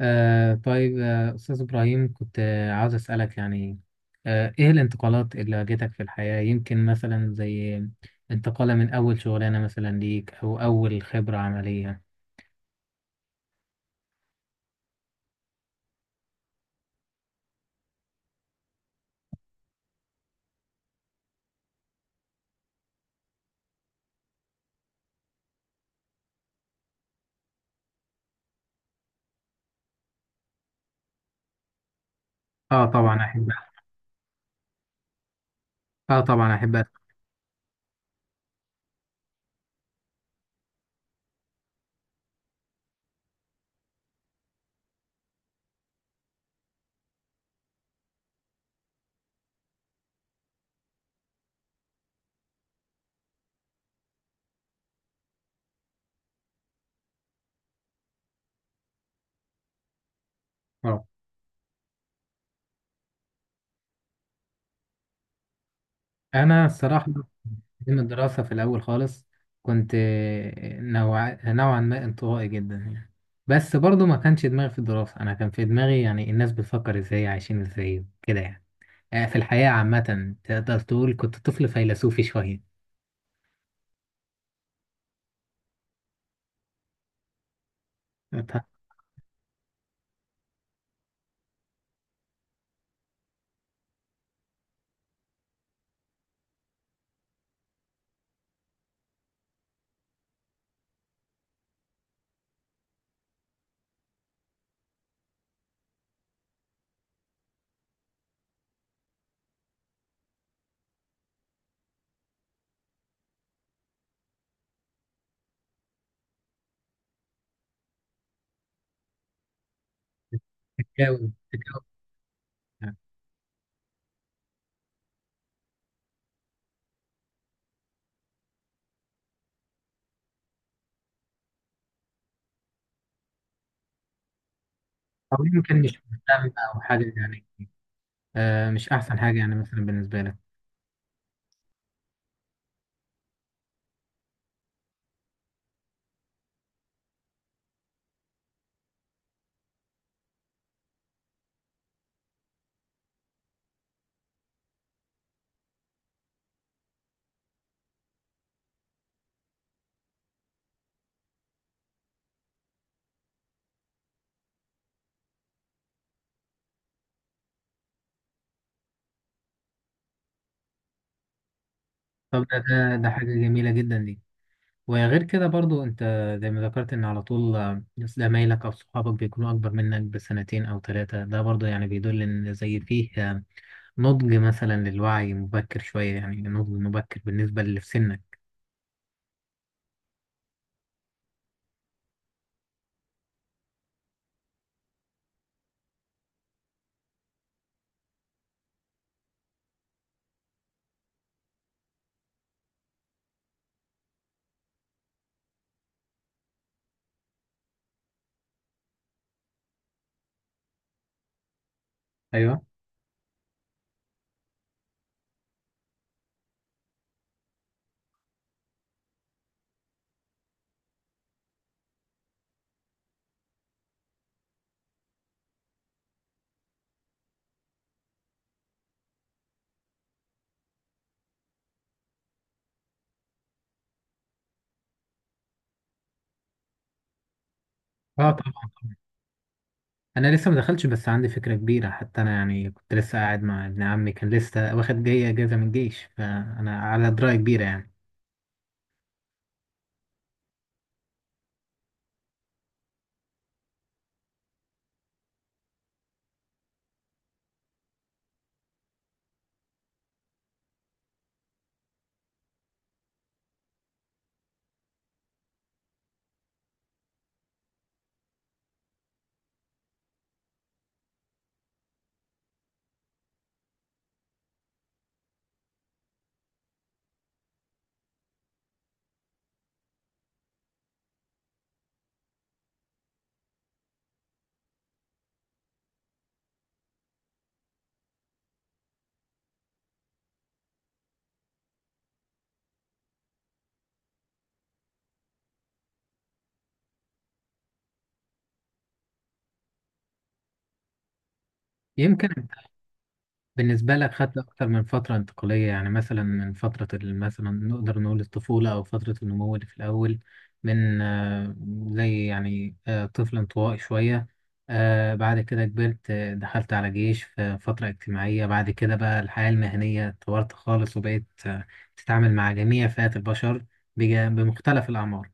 طيب، أستاذ إبراهيم، كنت عاوز أسألك، يعني إيه الانتقالات اللي واجهتك في الحياة؟ يمكن مثلا زي انتقالة من أول شغلانة مثلا ليك، أو أول خبرة عملية. آه طبعا أحب طبعا أحب أسمع. آه. أنا الصراحة، من الدراسة في الأول خالص، كنت نوعا ما انطوائي جدا، يعني. بس برضو ما كانش دماغي في الدراسة، أنا كان في دماغي يعني الناس بتفكر إزاي، عايشين إزاي كده، يعني في الحياة عامة تقدر تقول كنت طفل فيلسوفي شوية. تتجاوب تتجاوب، أو يمكن مش مهتم أو حاجة يعني. مش أحسن حاجة يعني مثلا بالنسبة لك. طب ده حاجة جميلة جدا دي. وغير كده برضو أنت، زي ما ذكرت، إن على طول زمايلك أو صحابك بيكونوا أكبر منك بسنتين أو ثلاثة، ده برضو يعني بيدل إن زي فيه نضج مثلا للوعي مبكر شوية، يعني نضج مبكر بالنسبة للي في سنك. أيوه. اه، طبعا. انا لسه ما دخلتش، بس عندي فكره كبيره، حتى انا يعني كنت لسه قاعد مع ابن عمي، كان لسه واخد جاي اجازه من الجيش، فانا على درايه كبيره يعني. يمكن بالنسبة لك خدت أكتر من فترة انتقالية، يعني مثلا من فترة مثلا نقدر نقول الطفولة، أو فترة النمو اللي في الأول، من زي يعني طفل انطوائي شوية، بعد كده كبرت، دخلت على جيش في فترة اجتماعية، بعد كده بقى الحياة المهنية اتطورت خالص، وبقيت تتعامل مع جميع فئات البشر، بمختلف الأعمار.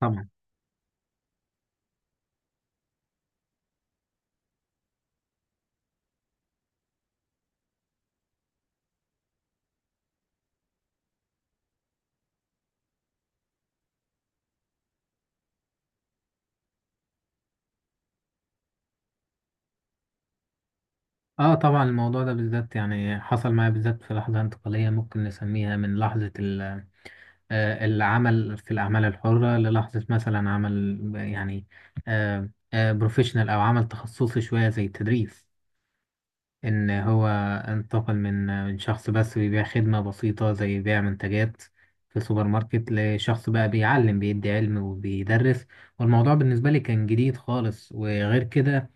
طبعا. اه، طبعا، الموضوع ده بالذات يعني حصل معايا بالذات في لحظة انتقالية ممكن نسميها، من لحظة العمل في الأعمال الحرة، للحظة مثلا عمل يعني بروفيشنال، أو عمل تخصصي شوية زي التدريس. إن هو انتقل من من شخص بس بيبيع خدمة بسيطة، زي بيع منتجات في سوبر ماركت، لشخص بقى بيعلم، بيدي علم وبيدرس. والموضوع بالنسبة لي كان جديد خالص. وغير كده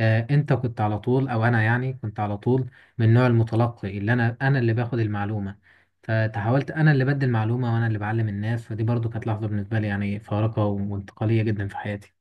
انت كنت على طول، او انا يعني كنت على طول من نوع المتلقي، اللي انا اللي باخد المعلومه. فتحاولت انا اللي بدي المعلومه، وانا اللي بعلم الناس. فدي برضو كانت لحظه بالنسبه لي، يعني فارقه وانتقاليه جدا في حياتي.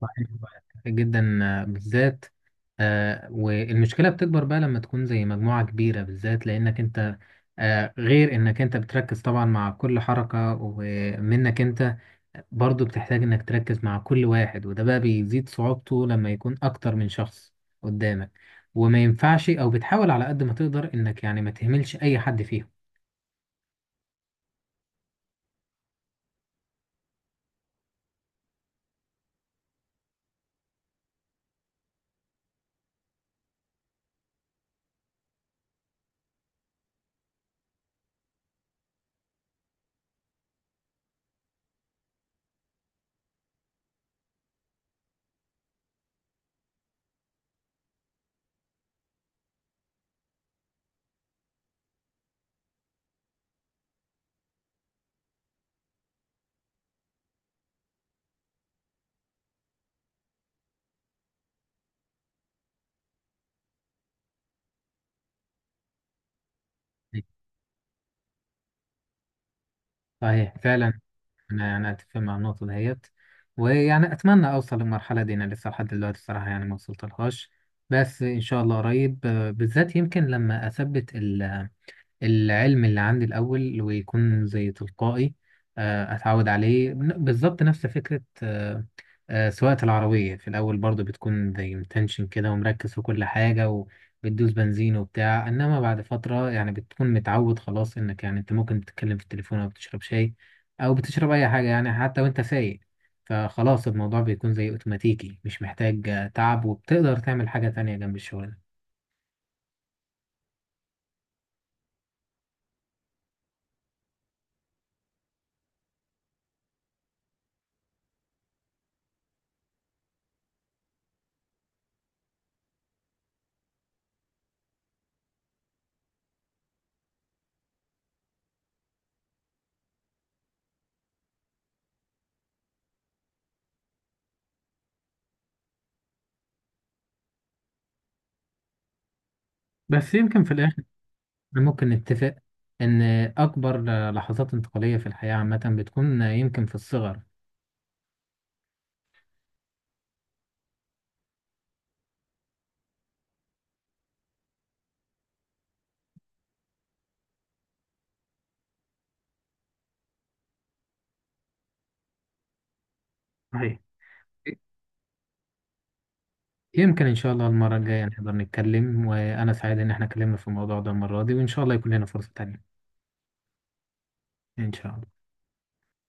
صحيح جدا، بالذات والمشكلة بتكبر بقى لما تكون زي مجموعة كبيرة، بالذات لأنك أنت، غير إنك أنت بتركز طبعا مع كل حركة ومنك أنت، برضو بتحتاج إنك تركز مع كل واحد، وده بقى بيزيد صعوبته لما يكون أكتر من شخص قدامك. وما ينفعش، أو بتحاول على قد ما تقدر إنك يعني ما تهملش أي حد فيهم. صحيح فعلا. انا اتفق مع النقطه ديت، ويعني اتمنى اوصل للمرحله دي. انا لسه لحد دلوقتي الصراحه يعني ما وصلتلهاش، بس ان شاء الله قريب، بالذات يمكن لما اثبت العلم اللي عندي الأول ويكون زي تلقائي، أتعود عليه. بالظبط نفس فكرة سواقة العربية، في الأول برضو بتكون زي متنشن كده، ومركز في كل حاجة، وبتدوس بنزين وبتاع. إنما بعد فترة يعني بتكون متعود خلاص، إنك يعني أنت ممكن تتكلم في التليفون، أو بتشرب شاي، أو بتشرب أي حاجة يعني، حتى وأنت سايق. فخلاص الموضوع بيكون زي أوتوماتيكي، مش محتاج تعب، وبتقدر تعمل حاجة تانية جنب الشغل ده. بس يمكن في الآخر ممكن نتفق إن أكبر لحظات انتقالية في الحياة عامة بتكون يمكن في الصغر. صحيح. يمكن إن شاء الله المرة الجاية نقدر نتكلم، وأنا سعيد إن إحنا اتكلمنا في الموضوع ده المرة دي، وإن شاء الله يكون لنا فرصة تانية. إن شاء الله.